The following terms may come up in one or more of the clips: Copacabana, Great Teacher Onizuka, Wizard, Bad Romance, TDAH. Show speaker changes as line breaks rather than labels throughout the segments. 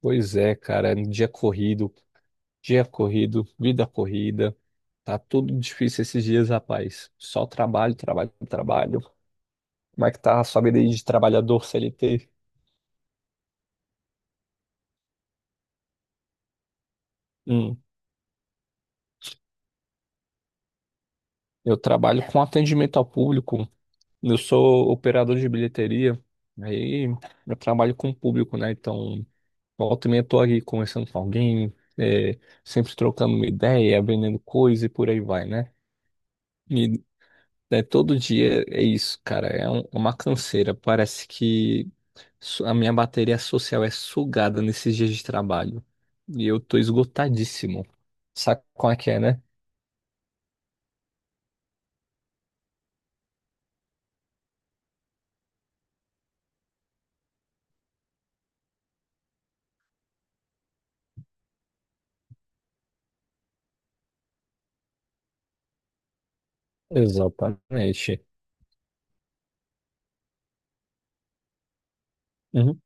Pois é, cara, dia corrido, vida corrida. Tá tudo difícil esses dias, rapaz. Só trabalho, trabalho, trabalho. Como é que tá a sua vida aí de trabalhador CLT? Hum, eu trabalho com atendimento ao público. Eu sou operador de bilheteria. Aí eu trabalho com o público, né? Então, volta e meia eu tô aqui conversando com alguém, é, sempre trocando uma ideia, vendendo coisa e por aí vai, né? E né, todo dia é isso, cara. É uma canseira. Parece que a minha bateria social é sugada nesses dias de trabalho. E eu tô esgotadíssimo. Sabe qual é que é, né? Exatamente. Uhum.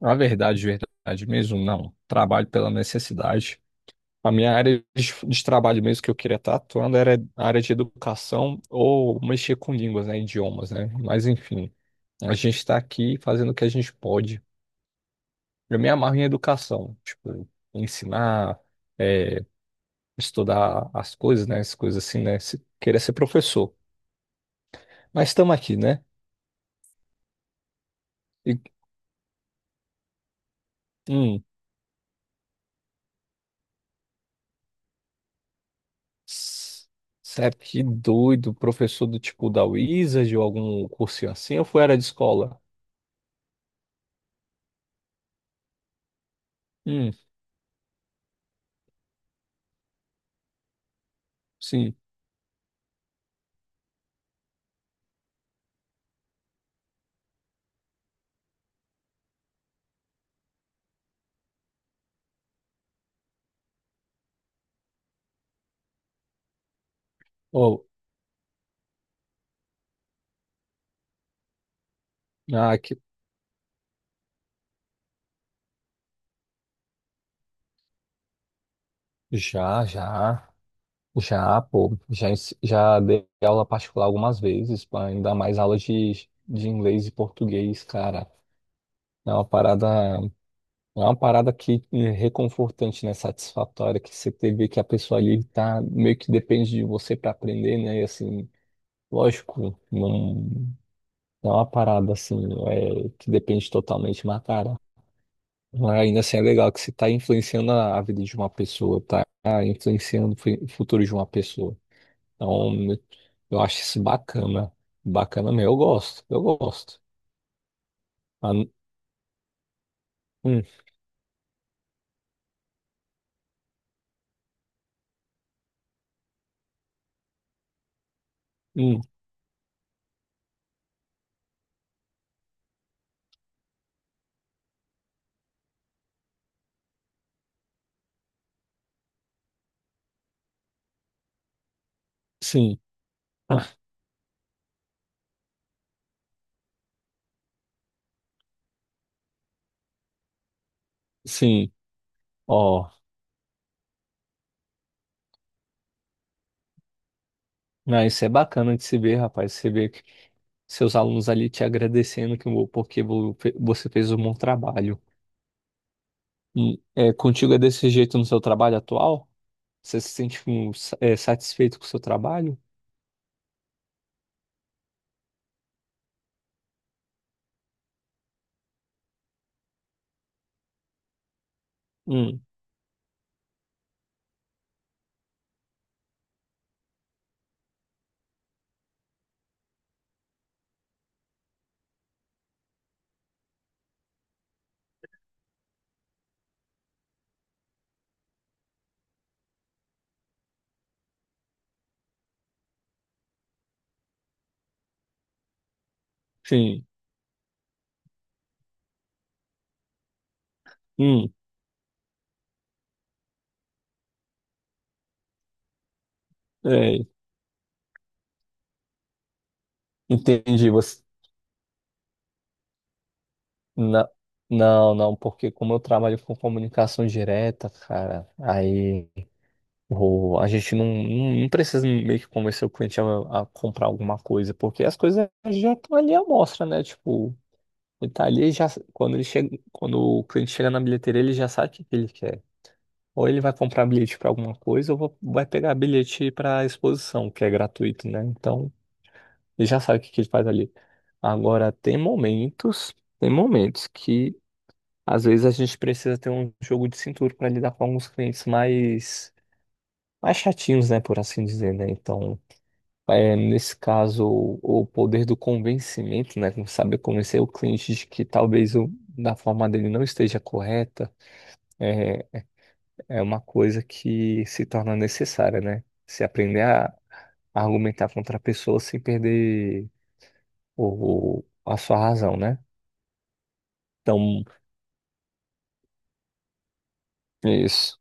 A verdade, verdade mesmo, não. Trabalho pela necessidade. A minha área de trabalho mesmo que eu queria estar atuando era a área de educação ou mexer com línguas, né, idiomas, né? Mas enfim, a gente está aqui fazendo o que a gente pode. Eu me amarro em educação, tipo, ensinar, é, estudar as coisas, né? As coisas assim, né? Se, querer ser professor. Mas estamos aqui, né? E, hum, s- Sério, que doido, professor do tipo da Wizard ou algum cursinho assim, ou foi era de escola? Hum, sim. Ou, ah, que, já, já, já, pô, já dei aula particular algumas vezes, pá, ainda mais aulas de inglês e português, cara. É uma parada. É uma parada que é reconfortante, né? Satisfatória, que você vê que a pessoa ali tá meio que depende de você para aprender, né? E assim, lógico, não, não é uma parada assim, que depende totalmente, mas cara, ainda assim é legal que você tá influenciando a vida de uma pessoa, tá influenciando o o futuro de uma pessoa. Então, eu acho isso bacana. Bacana mesmo, eu gosto, eu gosto. Ah, hum, hum, sim, ah, sim, ó. Ah, isso é bacana de se ver, rapaz. Você vê que seus alunos ali te agradecendo que, porque você fez um bom trabalho. E, é, contigo é desse jeito no seu trabalho atual? Você se sente satisfeito com o seu trabalho? Hum, sim. Hum, é, Entendi. Na- Não, não, porque como eu trabalho com comunicação direta, cara, aí. A gente não precisa meio que convencer o cliente a comprar alguma coisa, porque as coisas já estão ali à mostra, né? Tipo, ele tá ali já, quando ele chega, quando o cliente chega na bilheteria, ele já sabe o que que ele quer. Ou ele vai comprar bilhete para alguma coisa, ou vai pegar bilhete para exposição, que é gratuito, né? Então, ele já sabe o que que ele faz ali. Agora, tem momentos que às vezes a gente precisa ter um jogo de cintura para lidar com alguns clientes mais chatinhos, né, por assim dizer, né? Então, nesse caso, o poder do convencimento, né? Como sabe, convencer o cliente de que talvez o, da forma dele não esteja correta, é, é uma coisa que se torna necessária, né? Se aprender a argumentar contra a pessoa sem perder a sua razão, né? Então, isso,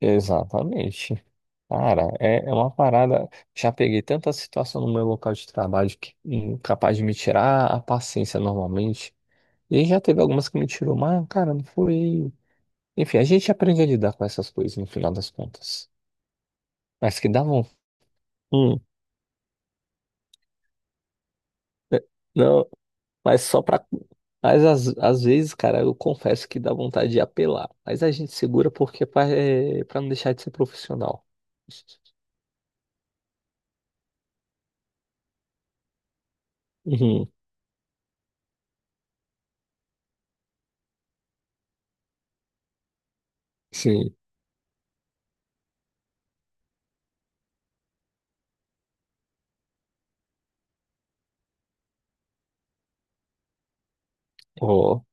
exatamente. Cara, é uma parada. Já peguei tanta situação no meu local de trabalho que capaz de me tirar a paciência normalmente. E aí já teve algumas que me tirou, mas, cara, não foi. Enfim, a gente aprende a lidar com essas coisas no final das contas. Mas que davam. Hum, é, não, mas só pra. Mas às vezes, cara, eu confesso que dá vontade de apelar. Mas a gente segura porque é pra não deixar de ser profissional. Uhum, sim. Oh.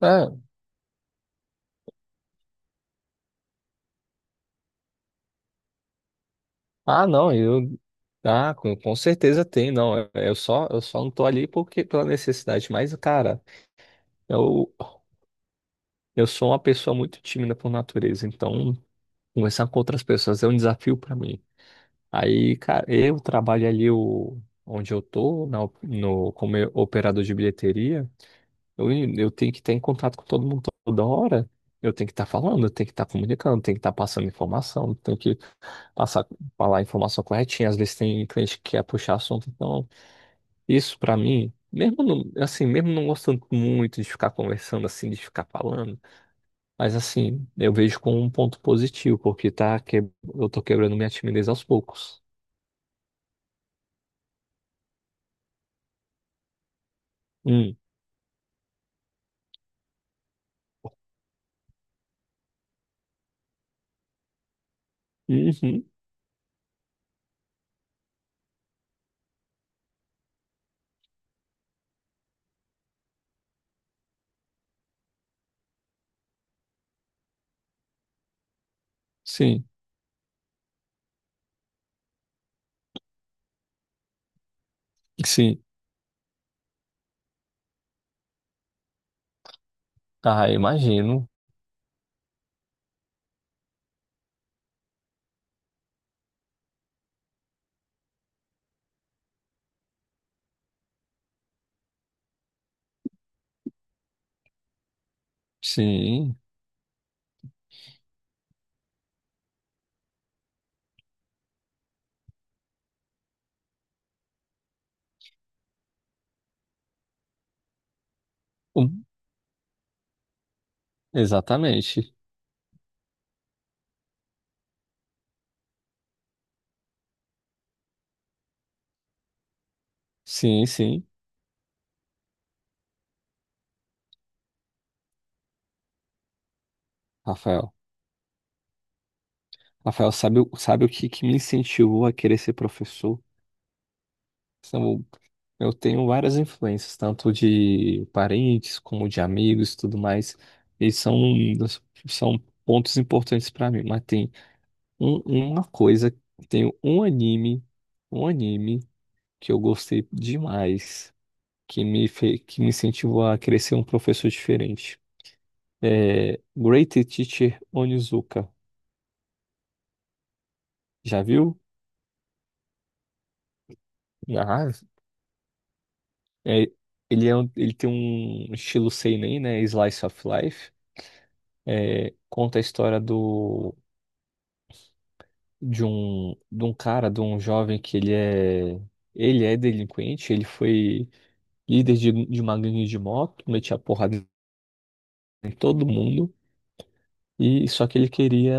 É. Ah, não, eu. Ah, com certeza tem, não. Eu só não tô ali porque pela necessidade. Mas, cara, eu, Eu sou uma pessoa muito tímida por natureza, então conversar com outras pessoas é um desafio para mim. Aí, cara, eu trabalho ali onde eu tô, na op- no, como eu- operador de bilheteria, eu, eu tenho que estar em contato com todo mundo toda hora. Eu tenho que estar falando, eu tenho que estar comunicando, eu tenho que estar passando informação, eu tenho que passar, falar a informação corretinha. Às vezes tem cliente que quer puxar assunto, então isso para mim, mesmo assim, mesmo não gostando muito de ficar conversando assim, de ficar falando. Mas assim, eu vejo como um ponto positivo, porque tá que eu tô quebrando minha timidez aos poucos. Hum. Uhum. Sim, sim. Ah, imagino. Sim. Hum, Exatamente. Sim, sim, Rafael. Rafael, sabe o que, que me incentivou a querer ser professor? São- Eu tenho várias influências, tanto de parentes como de amigos e tudo mais. E são pontos importantes para mim, mas tem uma coisa, tem um anime que eu gostei demais, que me incentivou a crescer um professor diferente. É Great Teacher Onizuka. Já viu? Já. É, ele tem um estilo seinen, né? Slice of Life. Conta a história de um cara, de um jovem que ele é delinquente. Ele foi líder de uma gangue de moto, metia porrada em todo mundo e só que ele queria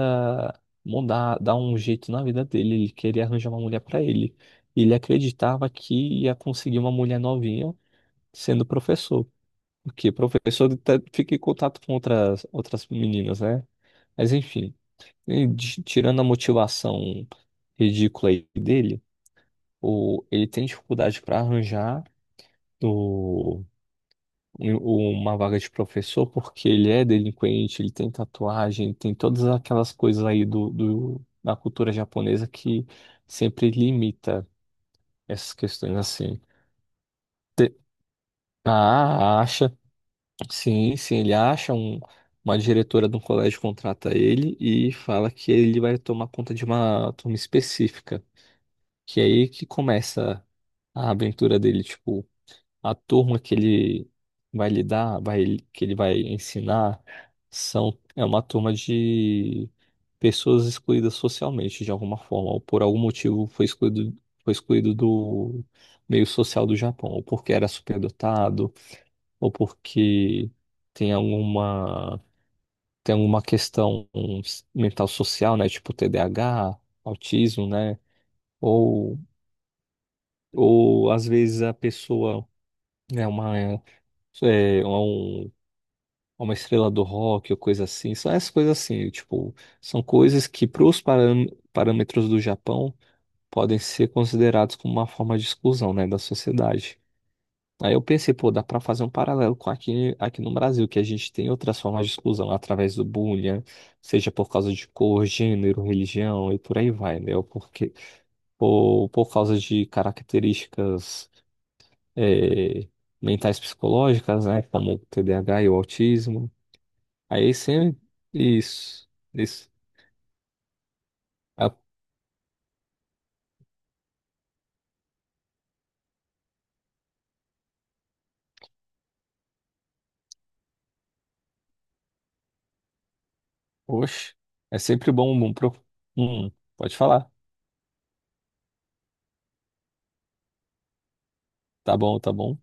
mudar, dar um jeito na vida dele, ele queria arranjar uma mulher para ele. Ele acreditava que ia conseguir uma mulher novinha sendo professor, porque professor fica em contato com outras meninas, né? Mas enfim, tirando a motivação ridícula aí dele, ele tem dificuldade para arranjar uma vaga de professor porque ele é delinquente, ele tem tatuagem, tem todas aquelas coisas aí da cultura japonesa que sempre limita essas questões assim. Te- Ah, acha, sim, sim, ele acha uma diretora de um colégio contrata ele e fala que ele vai tomar conta de uma turma específica, que é aí que começa a aventura dele, tipo a turma que ele vai lidar, que ele vai ensinar, é uma turma de pessoas excluídas socialmente, de alguma forma, ou por algum motivo foi excluído do meio social do Japão, ou porque era superdotado, ou porque tem alguma, tem alguma questão mental social, né? Tipo TDAH, autismo, né? Ou, ou às vezes a pessoa é uma é, é uma estrela do rock ou coisa assim. São essas coisas assim, tipo, são coisas que para os parâmetros do Japão podem ser considerados como uma forma de exclusão, né, da sociedade. Aí eu pensei, pô, dá para fazer um paralelo com aqui no Brasil, que a gente tem outras formas de exclusão através do bullying, né, seja por causa de cor, gênero, religião e por aí vai, né? Ou porque, ou por causa de características, eh, mentais psicológicas, né, como TDAH e o autismo. Aí sempre. Isso, isso. Ah, poxa, é sempre bom, bom pro. Hum, Pode falar. Tá bom, tá bom.